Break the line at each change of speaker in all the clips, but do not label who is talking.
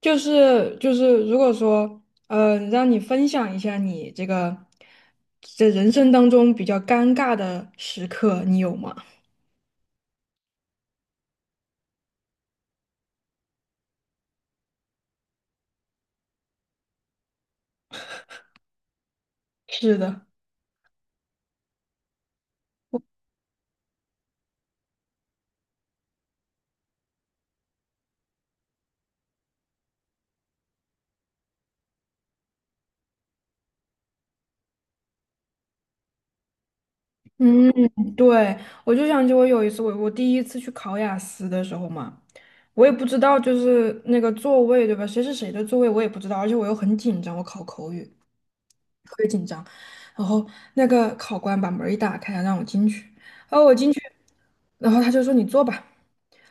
就是，如果说让你分享一下你这人生当中比较尴尬的时刻，你有吗？是的，嗯，对，我就想起我有一次，我第一次去考雅思的时候嘛，我也不知道就是那个座位对吧？谁是谁的座位我也不知道，而且我又很紧张，我考口语，然后那个考官把门一打开，让我进去。然后我进去，然后他就说你坐吧，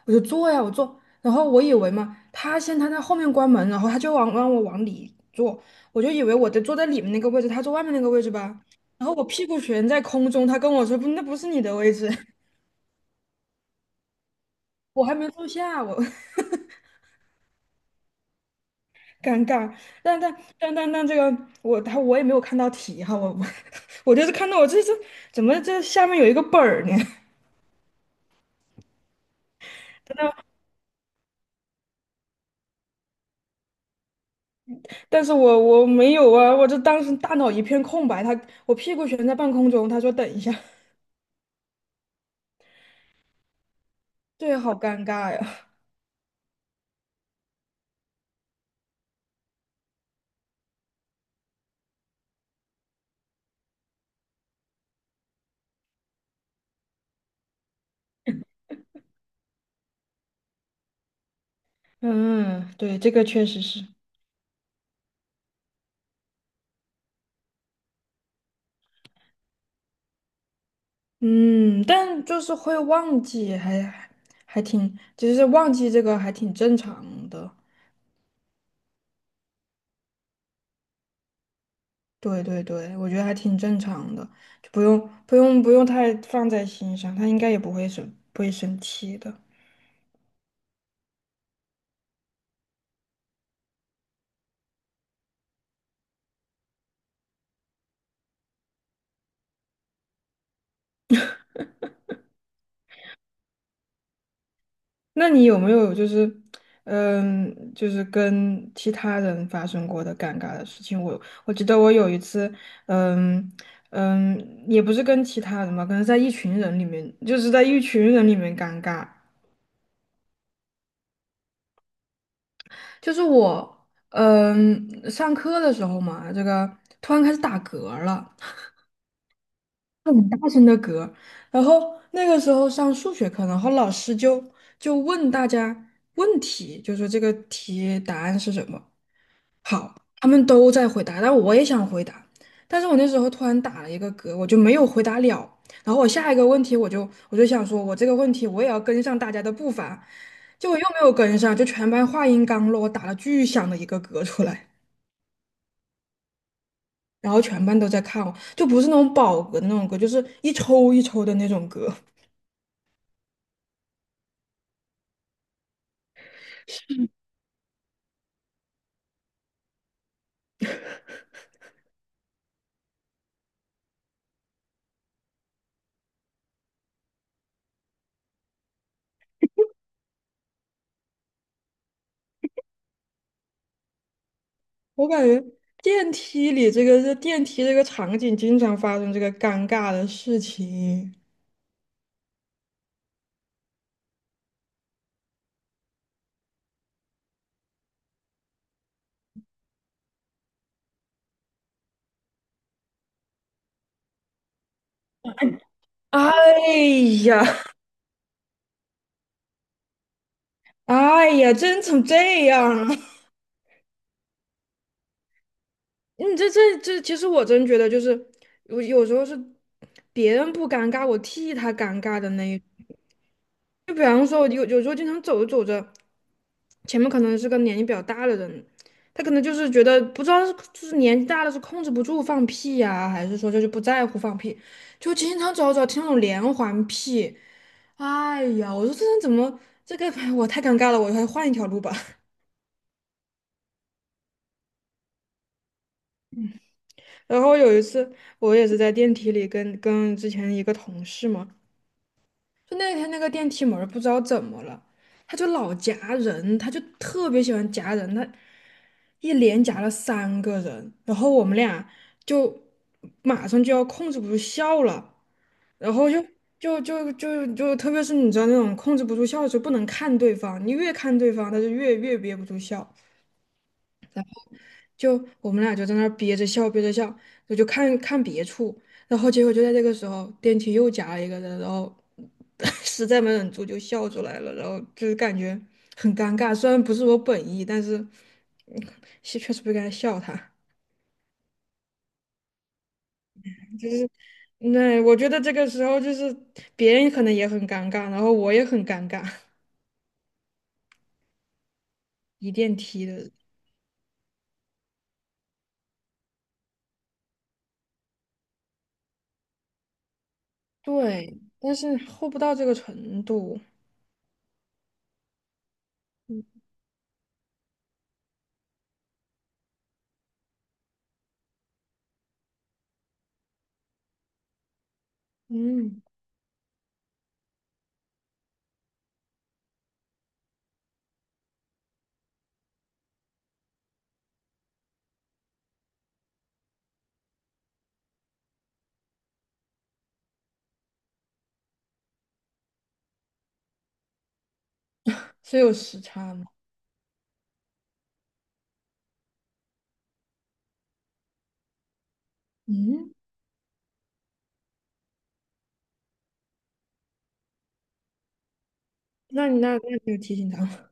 我就坐呀，我坐。然后我以为嘛，他在后面关门，然后他就往让我往里坐，我就以为我得坐在里面那个位置，他坐外面那个位置吧。然后我屁股悬在空中，他跟我说不，那不是你的位置，我还没坐下，我 尴尬。但但但这个我也没有看到题哈，我 我就是看到我怎么这下面有一个本儿呢？但是我没有啊，我这当时大脑一片空白，我屁股悬在半空中，他说等一下，对，好尴尬呀。嗯，对，这个确实是，嗯，但就是会忘记，还挺，其实忘记这个还挺正常的。对对对，我觉得还挺正常的，就不用太放在心上，他应该也不会生气的。那你有没有就是，嗯，就是跟其他人发生过的尴尬的事情？我记得我有一次，嗯也不是跟其他人吧，可能在一群人里面，就是在一群人里面尴尬。就是我，上课的时候嘛，这个突然开始打嗝儿了，很大声的嗝。然后那个时候上数学课，然后老师就问大家问题，就说这个题答案是什么。好，他们都在回答，但我也想回答，但是我那时候突然打了一个嗝，我就没有回答了。然后我下一个问题，我就想说，我这个问题我也要跟上大家的步伐，结果又没有跟上，就全班话音刚落，我打了巨响的一个嗝出来，然后全班都在看我，就不是那种饱嗝的那种嗝，就是一抽一抽的那种嗝。我感觉电梯里这电梯这个场景经常发生这个尴尬的事情。哎呀，哎呀，真成这样了！你这这这，其实我真觉得就是，我有时候是别人不尴尬，我替他尴尬的那一种就比方说，有时候经常走着走着，前面可能是个年纪比较大的人，他可能就是觉得不知道是就是年纪大了是控制不住放屁呀、还是说就是不在乎放屁，就经常走着走着听那种连环屁，哎呀，我说这人怎么这个 我太尴尬了，我还换一条路吧。然后有一次，我也是在电梯里跟之前一个同事嘛，就那天那个电梯门儿不知道怎么了，他就老夹人，他就特别喜欢夹人，他一连夹了三个人，然后我们俩就马上就要控制不住笑了，然后就特别是你知道那种控制不住笑的时候，不能看对方，你越看对方，他就越憋不住笑。就我们俩就在那儿憋着笑，憋着笑，我就看看别处，然后结果就在这个时候，电梯又夹了一个人，然后 实在没忍住就笑出来了，然后就是感觉很尴尬，虽然不是我本意，但是嗯是确实不该笑他。就是那我觉得这个时候就是别人可能也很尴尬，然后我也很尴尬，一电梯的，对，但是厚不到这个程度，嗯，是有时差吗？嗯，那你你有提醒他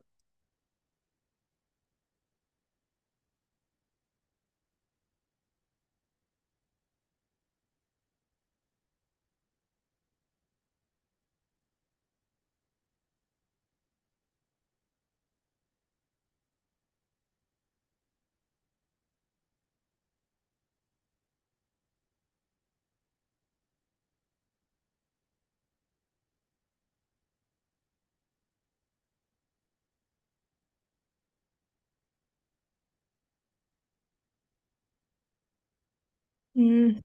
嗯，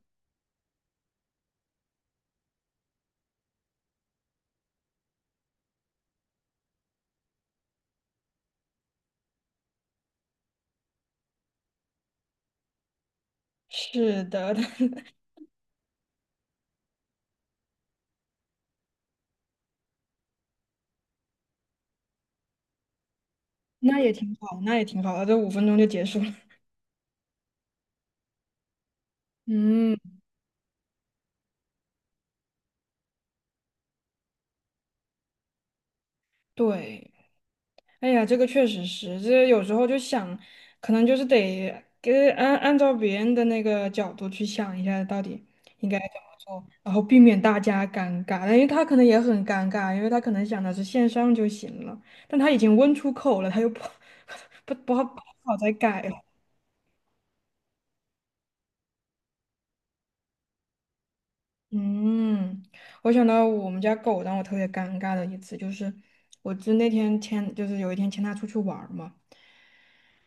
是的，那也挺好，那也挺好的，这5分钟就结束了。嗯，对，哎呀，这个确实是，这有时候就想，可能就是得按照别人的那个角度去想一下，到底应该怎么做，然后避免大家尴尬，因为他可能也很尴尬，因为他可能想的是线上就行了，但他已经问出口了，他又不 不好再改了。嗯，我想到我们家狗让我特别尴尬的一次，就是我就那天牵，就是有一天牵它出去玩儿嘛，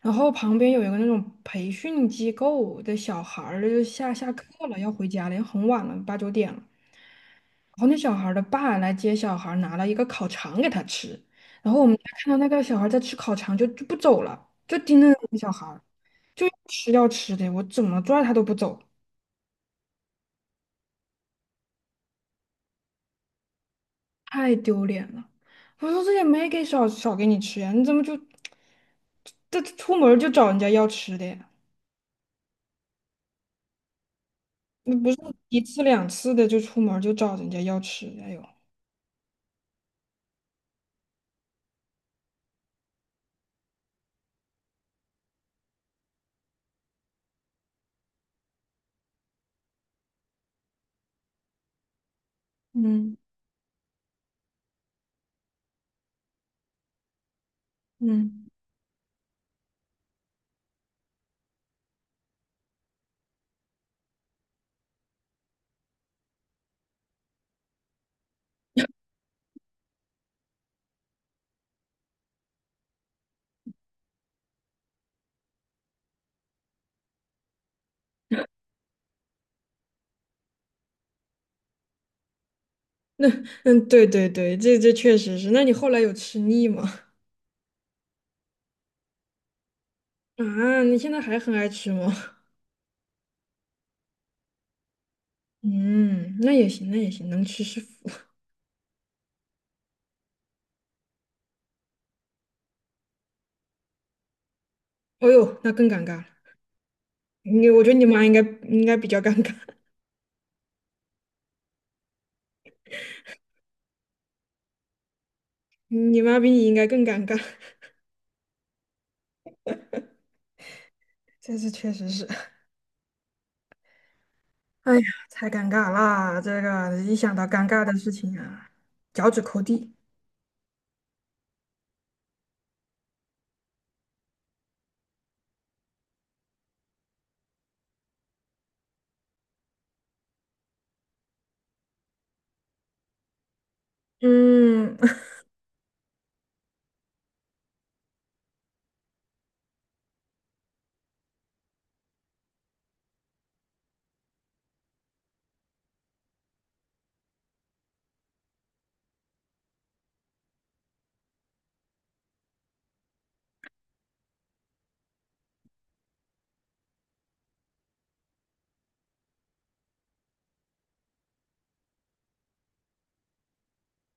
然后旁边有一个那种培训机构的小孩儿，就下课了，要回家了，也很晚了，8、9点了。然后那小孩儿的爸来接小孩儿拿了一个烤肠给他吃。然后我们家看到那个小孩儿在吃烤肠就不走了，就盯着那个小孩儿就要吃要吃的，我怎么拽他都不走。太丢脸了！我说这也没少给你吃呀，你怎么就这出门儿就找人家要吃的呀？那不是一次两次的就出门儿就找人家要吃的，哎呦，嗯嗯，嗯，对对对，这确实是。那你后来有吃腻吗？啊，你现在还很爱吃吗？嗯，那也行，那也行，能吃是福。哦呦，那更尴尬了。我觉得你妈应该比较尴尬，你妈比你应该更尴尬。这次确实是。哎呀，太尴尬啦！这个一想到尴尬的事情啊，脚趾抠地。嗯，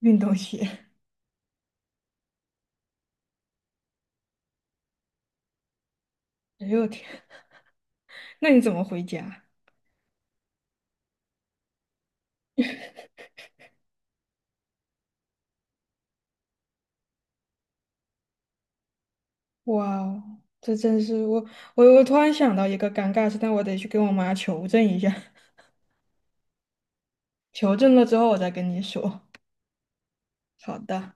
运动鞋。哎呦我天，那你怎么回家？哇哦这真是我突然想到一个尴尬事，但我得去跟我妈求证一下，求证了之后我再跟你说。好的。